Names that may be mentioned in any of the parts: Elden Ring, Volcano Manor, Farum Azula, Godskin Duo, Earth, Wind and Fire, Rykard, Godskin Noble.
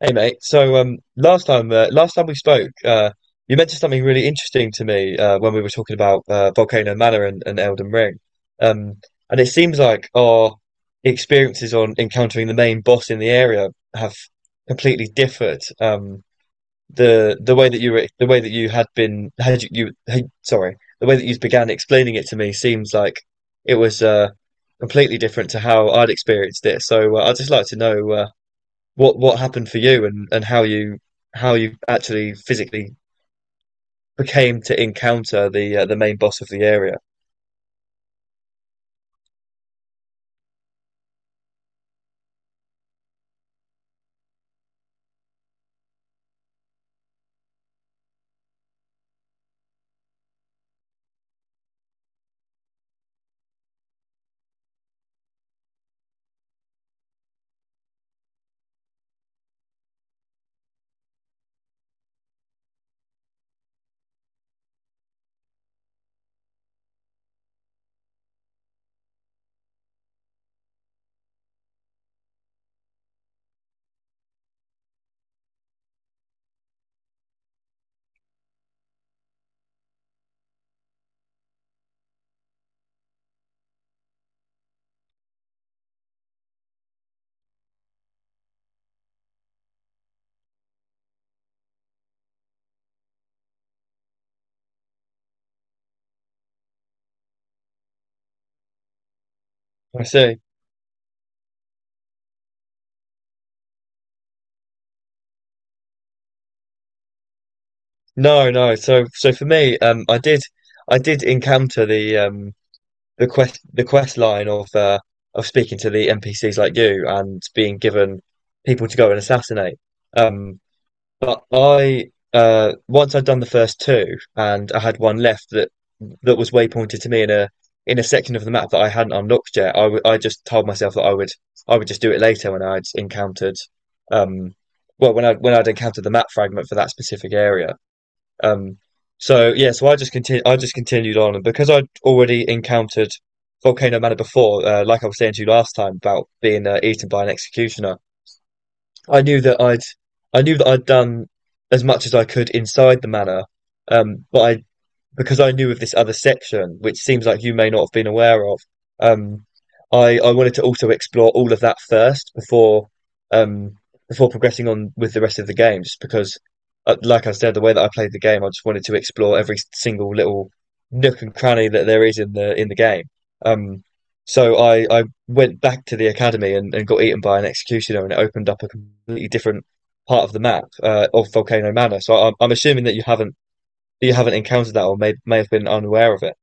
Hey mate, last time we spoke, you mentioned something really interesting to me when we were talking about Volcano Manor and Elden Ring. um, and it seems like our experiences on encountering the main boss in the area have completely differed. The way that you were the way that you had been had you, you had- sorry the way that you began explaining it to me seems like it was completely different to how I'd experienced it. So I'd just like to know. What happened for you and how you actually physically became to encounter the main boss of the area. I see. No, no. So so for me, I did encounter the the quest line of speaking to the NPCs like you and being given people to go and assassinate. Um, But I once I'd done the first two and I had one left that that was waypointed to me in a section of the map that I hadn't unlocked yet. I just told myself that I would just do it later when I'd encountered um well when I when I'd encountered the map fragment for that specific area. Um so yeah, so I just continu I just continued on, and because I'd already encountered Volcano Manor before, like I was saying to you last time about being eaten by an executioner, I knew that I'd I knew that I'd done as much as I could inside the manor. But I because I knew of this other section, which seems like you may not have been aware of, um, I wanted to also explore all of that first before um, before progressing on with the rest of the game, just because, like I said, the way that I played the game, I just wanted to explore every single little nook and cranny that there is in the game. Um, so I went back to the academy and got eaten by an executioner, and it opened up a completely different part of the map of Volcano Manor. So I'm assuming that you haven't encountered that or may have been unaware of it.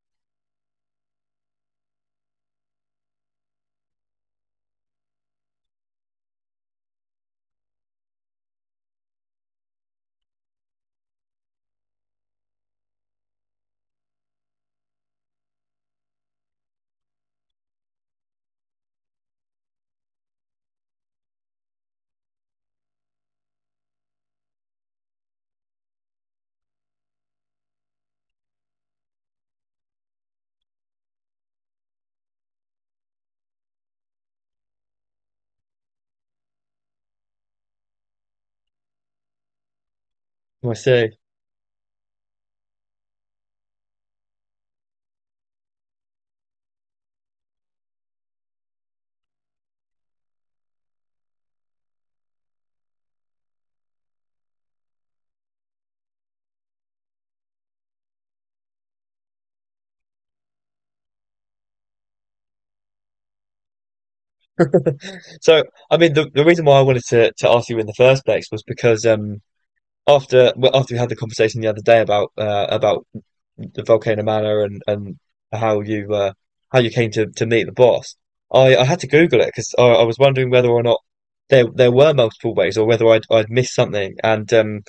I see. So, I mean, the reason why I wanted to ask you in the first place was because after well, after we had the conversation the other day about the Volcano Manor and how you uh, how you came to meet the boss, I had to Google it because I was wondering whether or not there there were multiple ways or whether I'd missed something.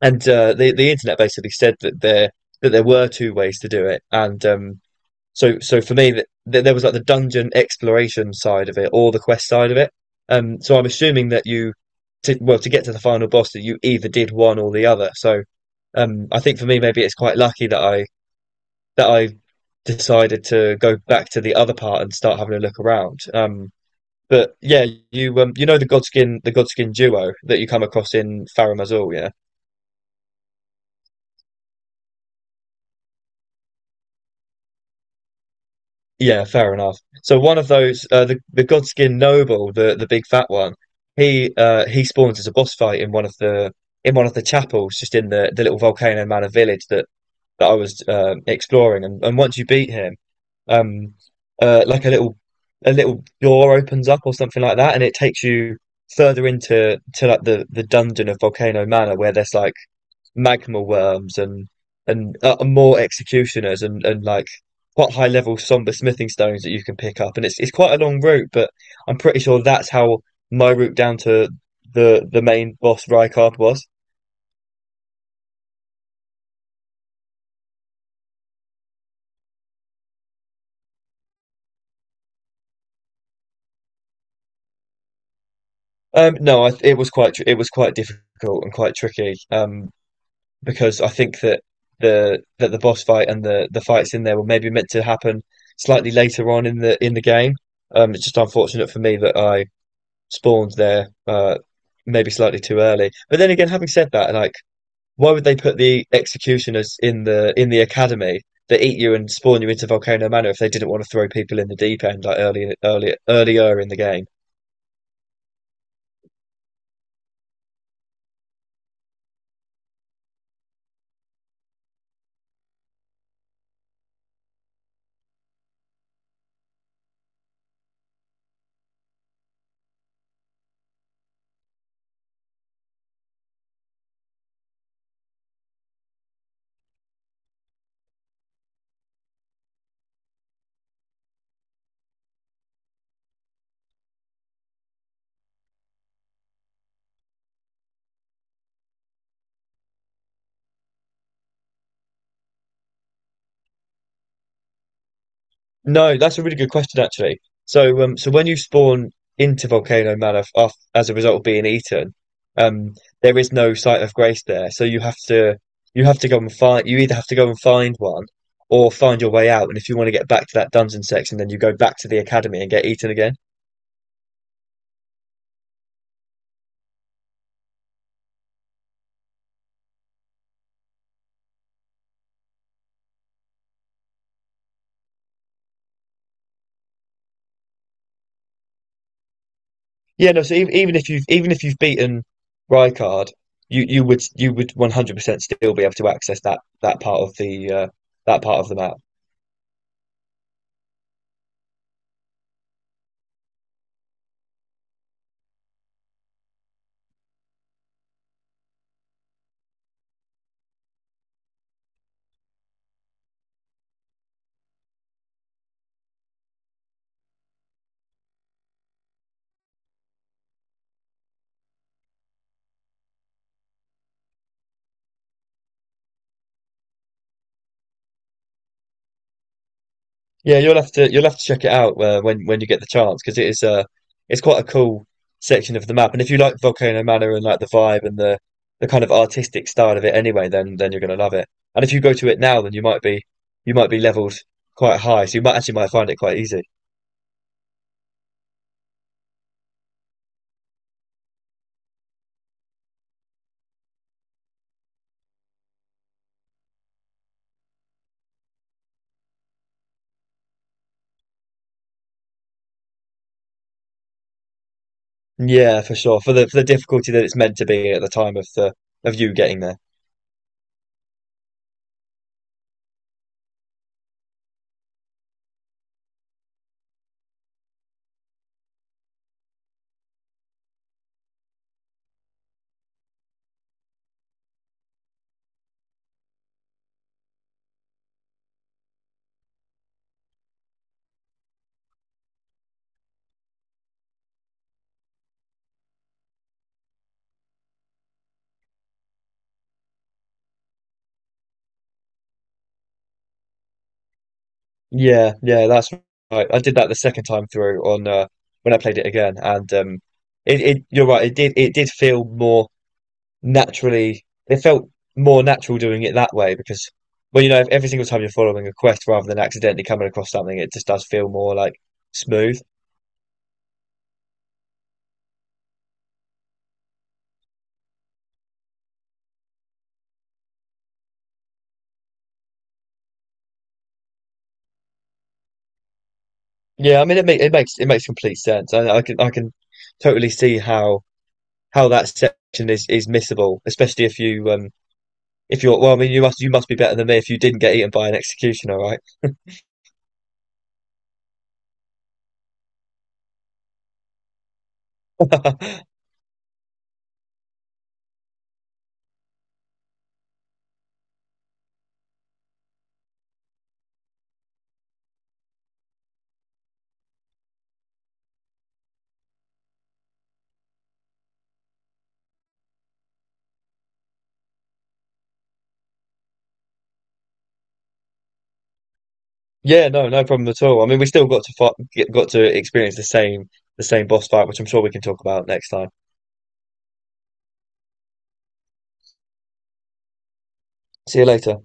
And the internet basically said that there that there were two ways to do it, and So, so for me, that th there was like the dungeon exploration side of it, or the quest side of it. So I'm assuming that well, to get to the final boss, that you either did one or the other. So, I think for me, maybe it's quite lucky that I decided to go back to the other part and start having a look around. But yeah, you you know the Godskin duo that you come across in Farum Azula, yeah. Yeah, fair enough. So one of those, the Godskin Noble, the big fat one, he he spawns as a boss fight in one of the in one of the chapels, just in the little Volcano Manor village that that I was exploring. And once you beat him, um, like a little door opens up or something like that, and it takes you further into to like the dungeon of Volcano Manor, where there's like magma worms and more executioners and like quite high level somber smithing stones that you can pick up. And it's quite a long route, but I'm pretty sure that's how my route down to the main boss Rykard was. No, I, it was it was quite difficult and quite tricky. Because I think that the boss fight and the fights in there were maybe meant to happen slightly later on in the game. It's just unfortunate for me that I spawned there, maybe slightly too early. But then again, having said that, like, why would they put the executioners in the academy that eat you and spawn you into Volcano Manor if they didn't want to throw people in the deep end like early, early, earlier in the game? No, that's a really good question actually. So, so when you spawn into Volcano Manor af as a result of being eaten, um, there is no site of grace there. So you have to go and find. You either have to go and find one, or find your way out. And if you want to get back to that dungeon section, then you go back to the academy and get eaten again. Yeah, no. So even, even if you've beaten Rykard, you you would 100% still be able to access that that part of the that part of the map. Yeah, you'll have to check it out when you get the chance, because it is it's quite a cool section of the map. And if you like Volcano Manor and like the vibe and the kind of artistic style of it anyway, then you're gonna love it. And if you go to it now, then you might be leveled quite high, so you might actually might find it quite easy. Yeah, for sure. For the difficulty that it's meant to be at the time of the of you getting there. Yeah, yeah, that's right. I did that the second time through on when I played it again, and it, it you're right. It did feel more naturally it felt more natural doing it that way, because well, you know, if every single time you're following a quest rather than accidentally coming across something, it just does feel more like smooth. Yeah, I mean, it makes it makes it makes complete sense. I can totally see how that section is missable, especially if you if you're well, I mean, you must be better than me if you didn't get eaten by an executioner, right? Yeah, no, no problem at all. I mean, we still got to fight, got to experience the same boss fight, which I'm sure we can talk about next time. See you later.